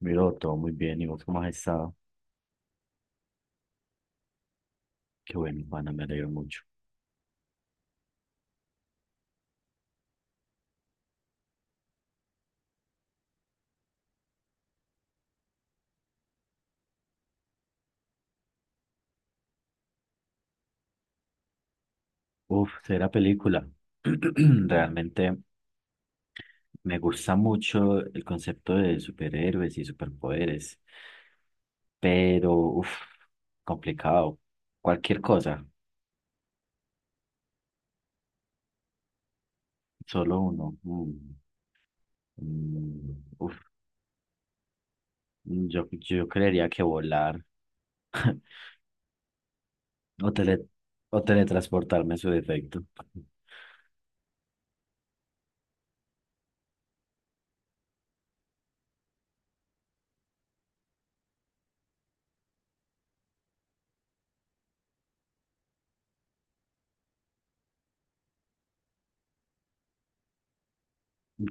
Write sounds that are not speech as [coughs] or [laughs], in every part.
Miro, todo muy bien. ¿Y vos cómo has estado? Qué bueno, Juana, me alegro mucho. Uf, será película. [clears throat] Realmente me gusta mucho el concepto de superhéroes y superpoderes, pero uf, complicado. Cualquier cosa, solo uno. Mm, uf, yo creería que volar [laughs] o, o teletransportarme en su defecto,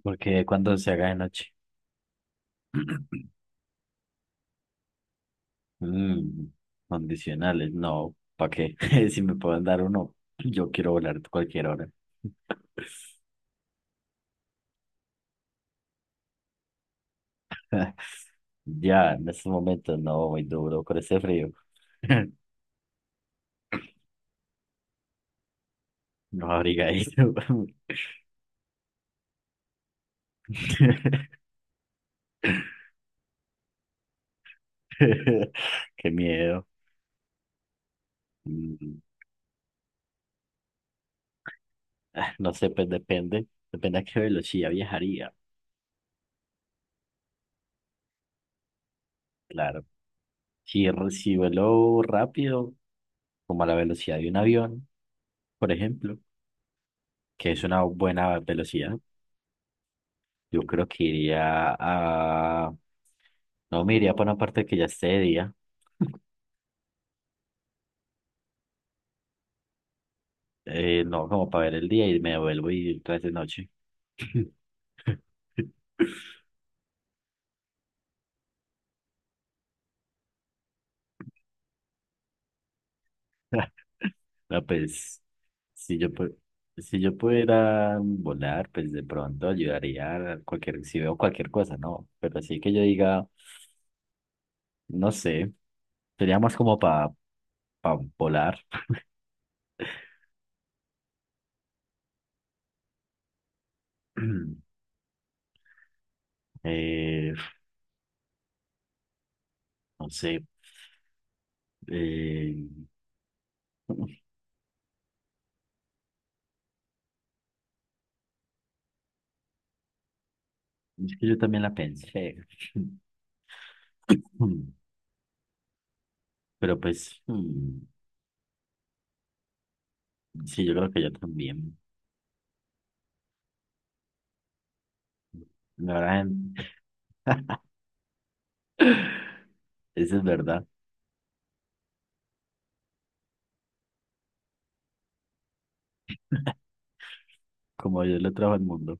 porque cuando se haga de noche. Mm, condicionales, no, ¿para qué? [laughs] Si me pueden dar uno, yo quiero volar cualquier hora. [laughs] Ya, en estos momentos no, muy duro con ese frío. [laughs] No abrigadito. [laughs] Qué miedo. Mm, No sé, pues depende. Depende a qué velocidad viajaría. Claro. Si, si vuelo rápido, como a la velocidad de un avión, por ejemplo, que es una buena velocidad. Yo creo que iría a... No, me iría para una parte que ya esté de día. No, como para ver el día y me vuelvo y otra vez de noche. [laughs] No, pues, si yo, pu- si yo pudiera volar, pues de pronto ayudaría a cualquier, si veo cualquier cosa, ¿no? Pero así que yo diga, no sé, sería más como para volar. [clears throat] Eh, no sé, eh, [laughs] Es que yo también la pensé. [coughs] [laughs] Pero pues, sí, yo creo que yo también. La verdad, [coughs] [laughs] eso es verdad. Como Dios lo trajo al mundo.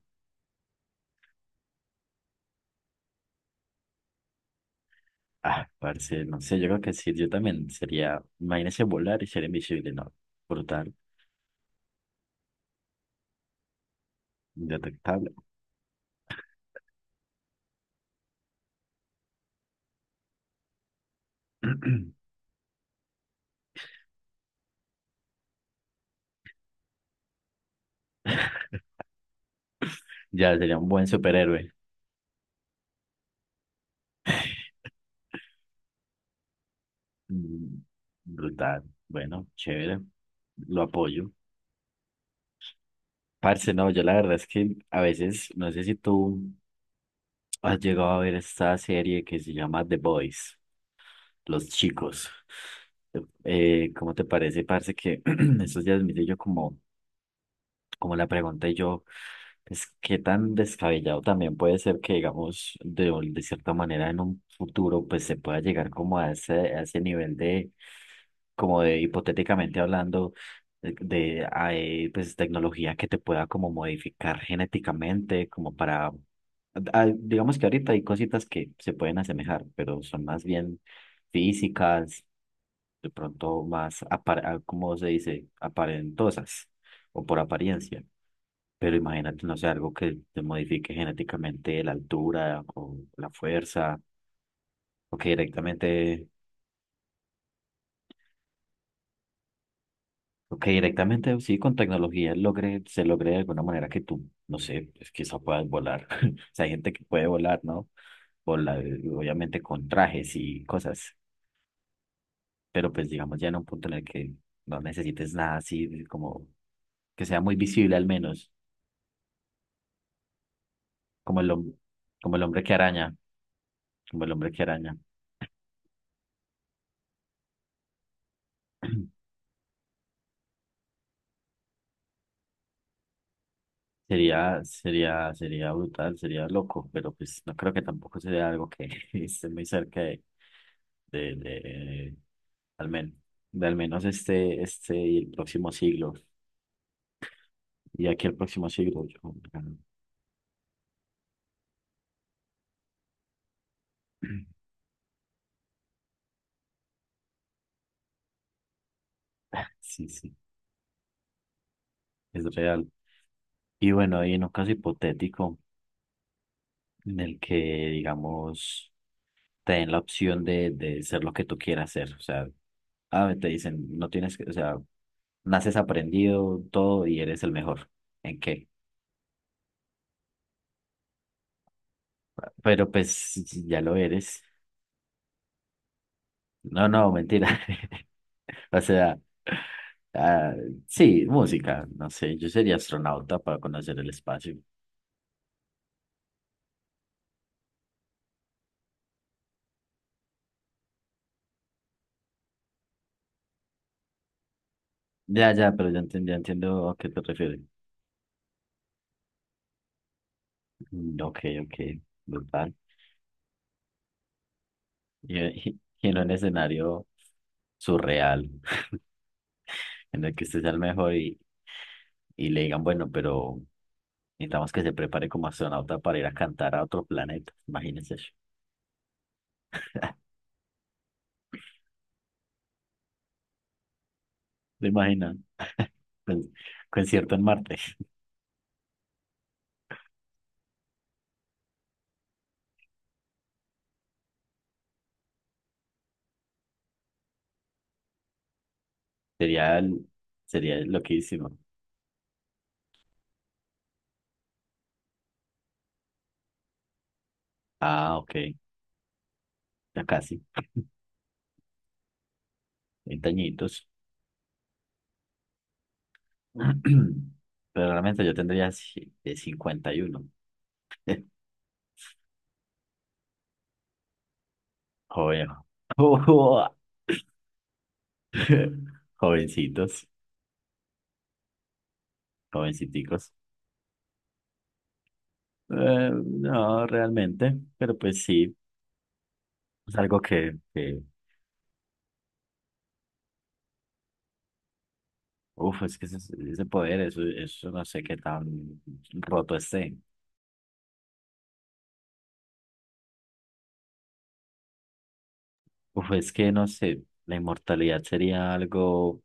Ah, parce, no sé, yo creo que sí, yo también sería, imagínese volar y ser invisible, ¿no? Brutal, indetectable. [coughs] [clears throat] Ya sería un buen superhéroe. Mm, Brutal, bueno, chévere, lo apoyo. Parce, no, yo la verdad es que a veces, no sé si tú ¿Has llegado a ver esta serie que se llama The Boys, Los Chicos? ¿Cómo te parece, parce, que [clears throat] estos días miré yo como le pregunté yo, pues qué tan descabellado también puede ser que, digamos, de cierta manera en un futuro, pues se pueda llegar como a ese nivel de, como de hipotéticamente hablando, hay, pues tecnología que te pueda como modificar genéticamente, como para, digamos que ahorita hay cositas que se pueden asemejar, pero son más bien físicas, de pronto más, ¿cómo se dice? Aparentosas o por apariencia. Pero imagínate, no sé, algo que te modifique genéticamente la altura o la fuerza, o que directamente, o que directamente, sí, con tecnología logre, se logre de alguna manera que tú, no sé, pues quizá puedas volar. [laughs] O sea, hay gente que puede volar, ¿no? Volar, obviamente con trajes y cosas, pero pues digamos ya en un punto en el que no necesites nada así, como que sea muy visible al menos, como el, hom- como el hombre que araña, como el hombre que araña. [clears throat] Sería brutal, sería loco, pero pues no creo que tampoco sería algo que [laughs] esté muy cerca de, de, de, al menos, de al menos este y el próximo siglo. Y aquí el próximo siglo, yo, [clears throat] sí, sí, es real. Y bueno, y en un caso hipotético en el que, digamos, te den la opción de ser lo que tú quieras ser, o sea, te dicen, no tienes que, o sea, naces aprendido todo y eres el mejor. ¿En qué? Pero pues si ya lo eres. No, no, mentira. [laughs] O sea, ah, sí, música, no sé, yo sería astronauta para conocer el espacio. Ya, ya, pero ya, ya entiendo a qué te refieres. Ok, ok, brutal. Y, y en un escenario surreal, [laughs] en el que usted sea el mejor y le digan, bueno, pero necesitamos que se prepare como astronauta para ir a cantar a otro planeta. Imagínense eso. ¿Te imaginas? Con- Concierto en Marte. Sería, el- sería loquísimo. Ah, ok, ya casi, 20 añitos. [clears throat] Pero realmente yo tendría 51. [laughs] Joven. [laughs] Jovencitos, jovenciticos. No, realmente, pero pues sí, es algo que uf, es que ese poder, eso no sé qué tan roto esté. Uf, es que no sé, la inmortalidad sería algo.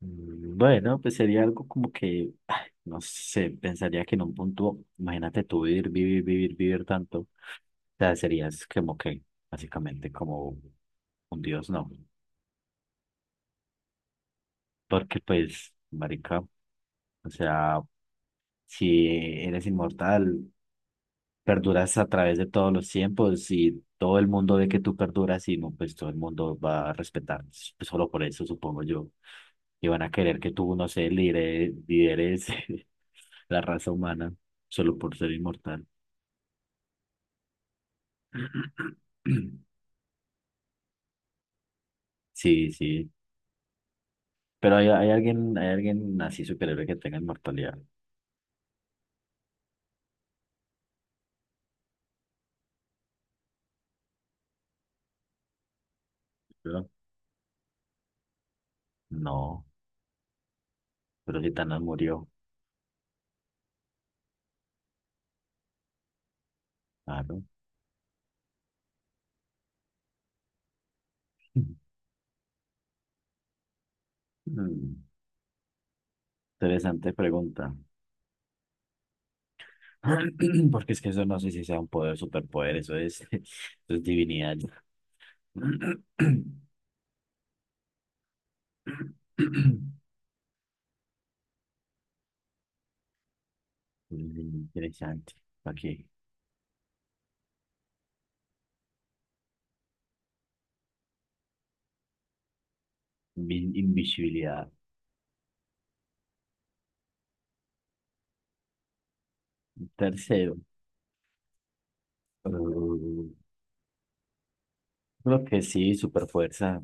Bueno, pues sería algo como que, ay, no sé, pensaría que en un punto, imagínate tú vivir, vivir, vivir, vivir tanto, o sea, serías como que, básicamente como un dios, ¿no? Porque pues, marica, o sea, si eres inmortal, perduras a través de todos los tiempos y todo el mundo ve que tú perduras y no, pues todo el mundo va a respetar. Pues, solo por eso, supongo yo, y van a querer que tú, no sé, lideres [laughs] la raza humana solo por ser inmortal. [clears throat] Sí, sí. Pero hay alguien así superhéroe que tenga inmortalidad. ¿Verdad? No, pero si Thanos murió, claro. [laughs] Mm, Interesante pregunta. [clears throat] Porque es que eso no sé si sea un poder, superpoder, eso es, [laughs] eso es divinidad. [clears throat] Interesante. Aquí, invisibilidad. Tercero, eh, creo que sí, superfuerza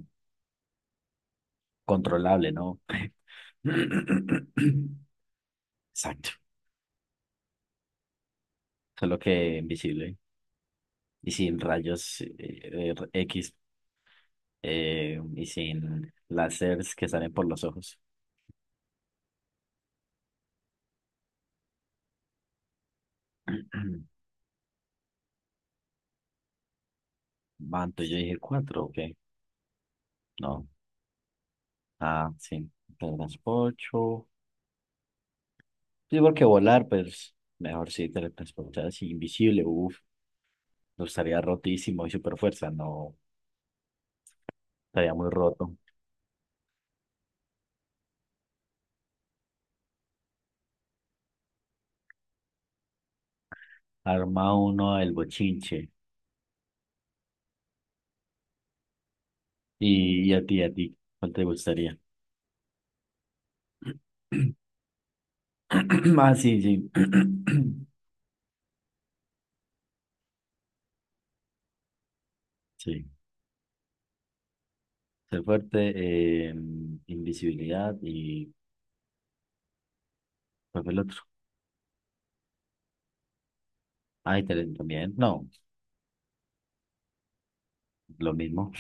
controlable, ¿no? [clears throat] [laughs] Exacto, solo que invisible y sin rayos X, y sin láseres que salen por los ojos. [clears throat] Manto, yo dije cuatro, ok. No. Ah, sí. Teletransporto. Sí, porque volar, pues mejor sí, teletransporte así, invisible. Uf, no estaría rotísimo y super fuerza. No, estaría muy roto. Arma uno el bochinche. Y a ti, ¿cuál te gustaría? [clears throat] Ah, sí, sí. [clears throat] Sí, ser fuerte, eh, invisibilidad y ¿cuál fue el otro? Ay, también, no, lo mismo.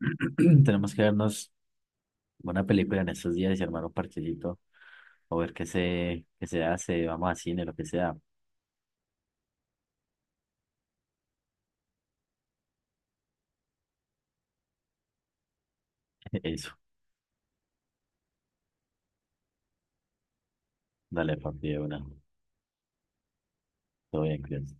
[clears throat] Tenemos que darnos buena película en estos días y armar un parchecito o ver qué se hace, vamos a cine, lo que sea. [laughs] Eso, dale, papi, de una. Todo bien, cuídate.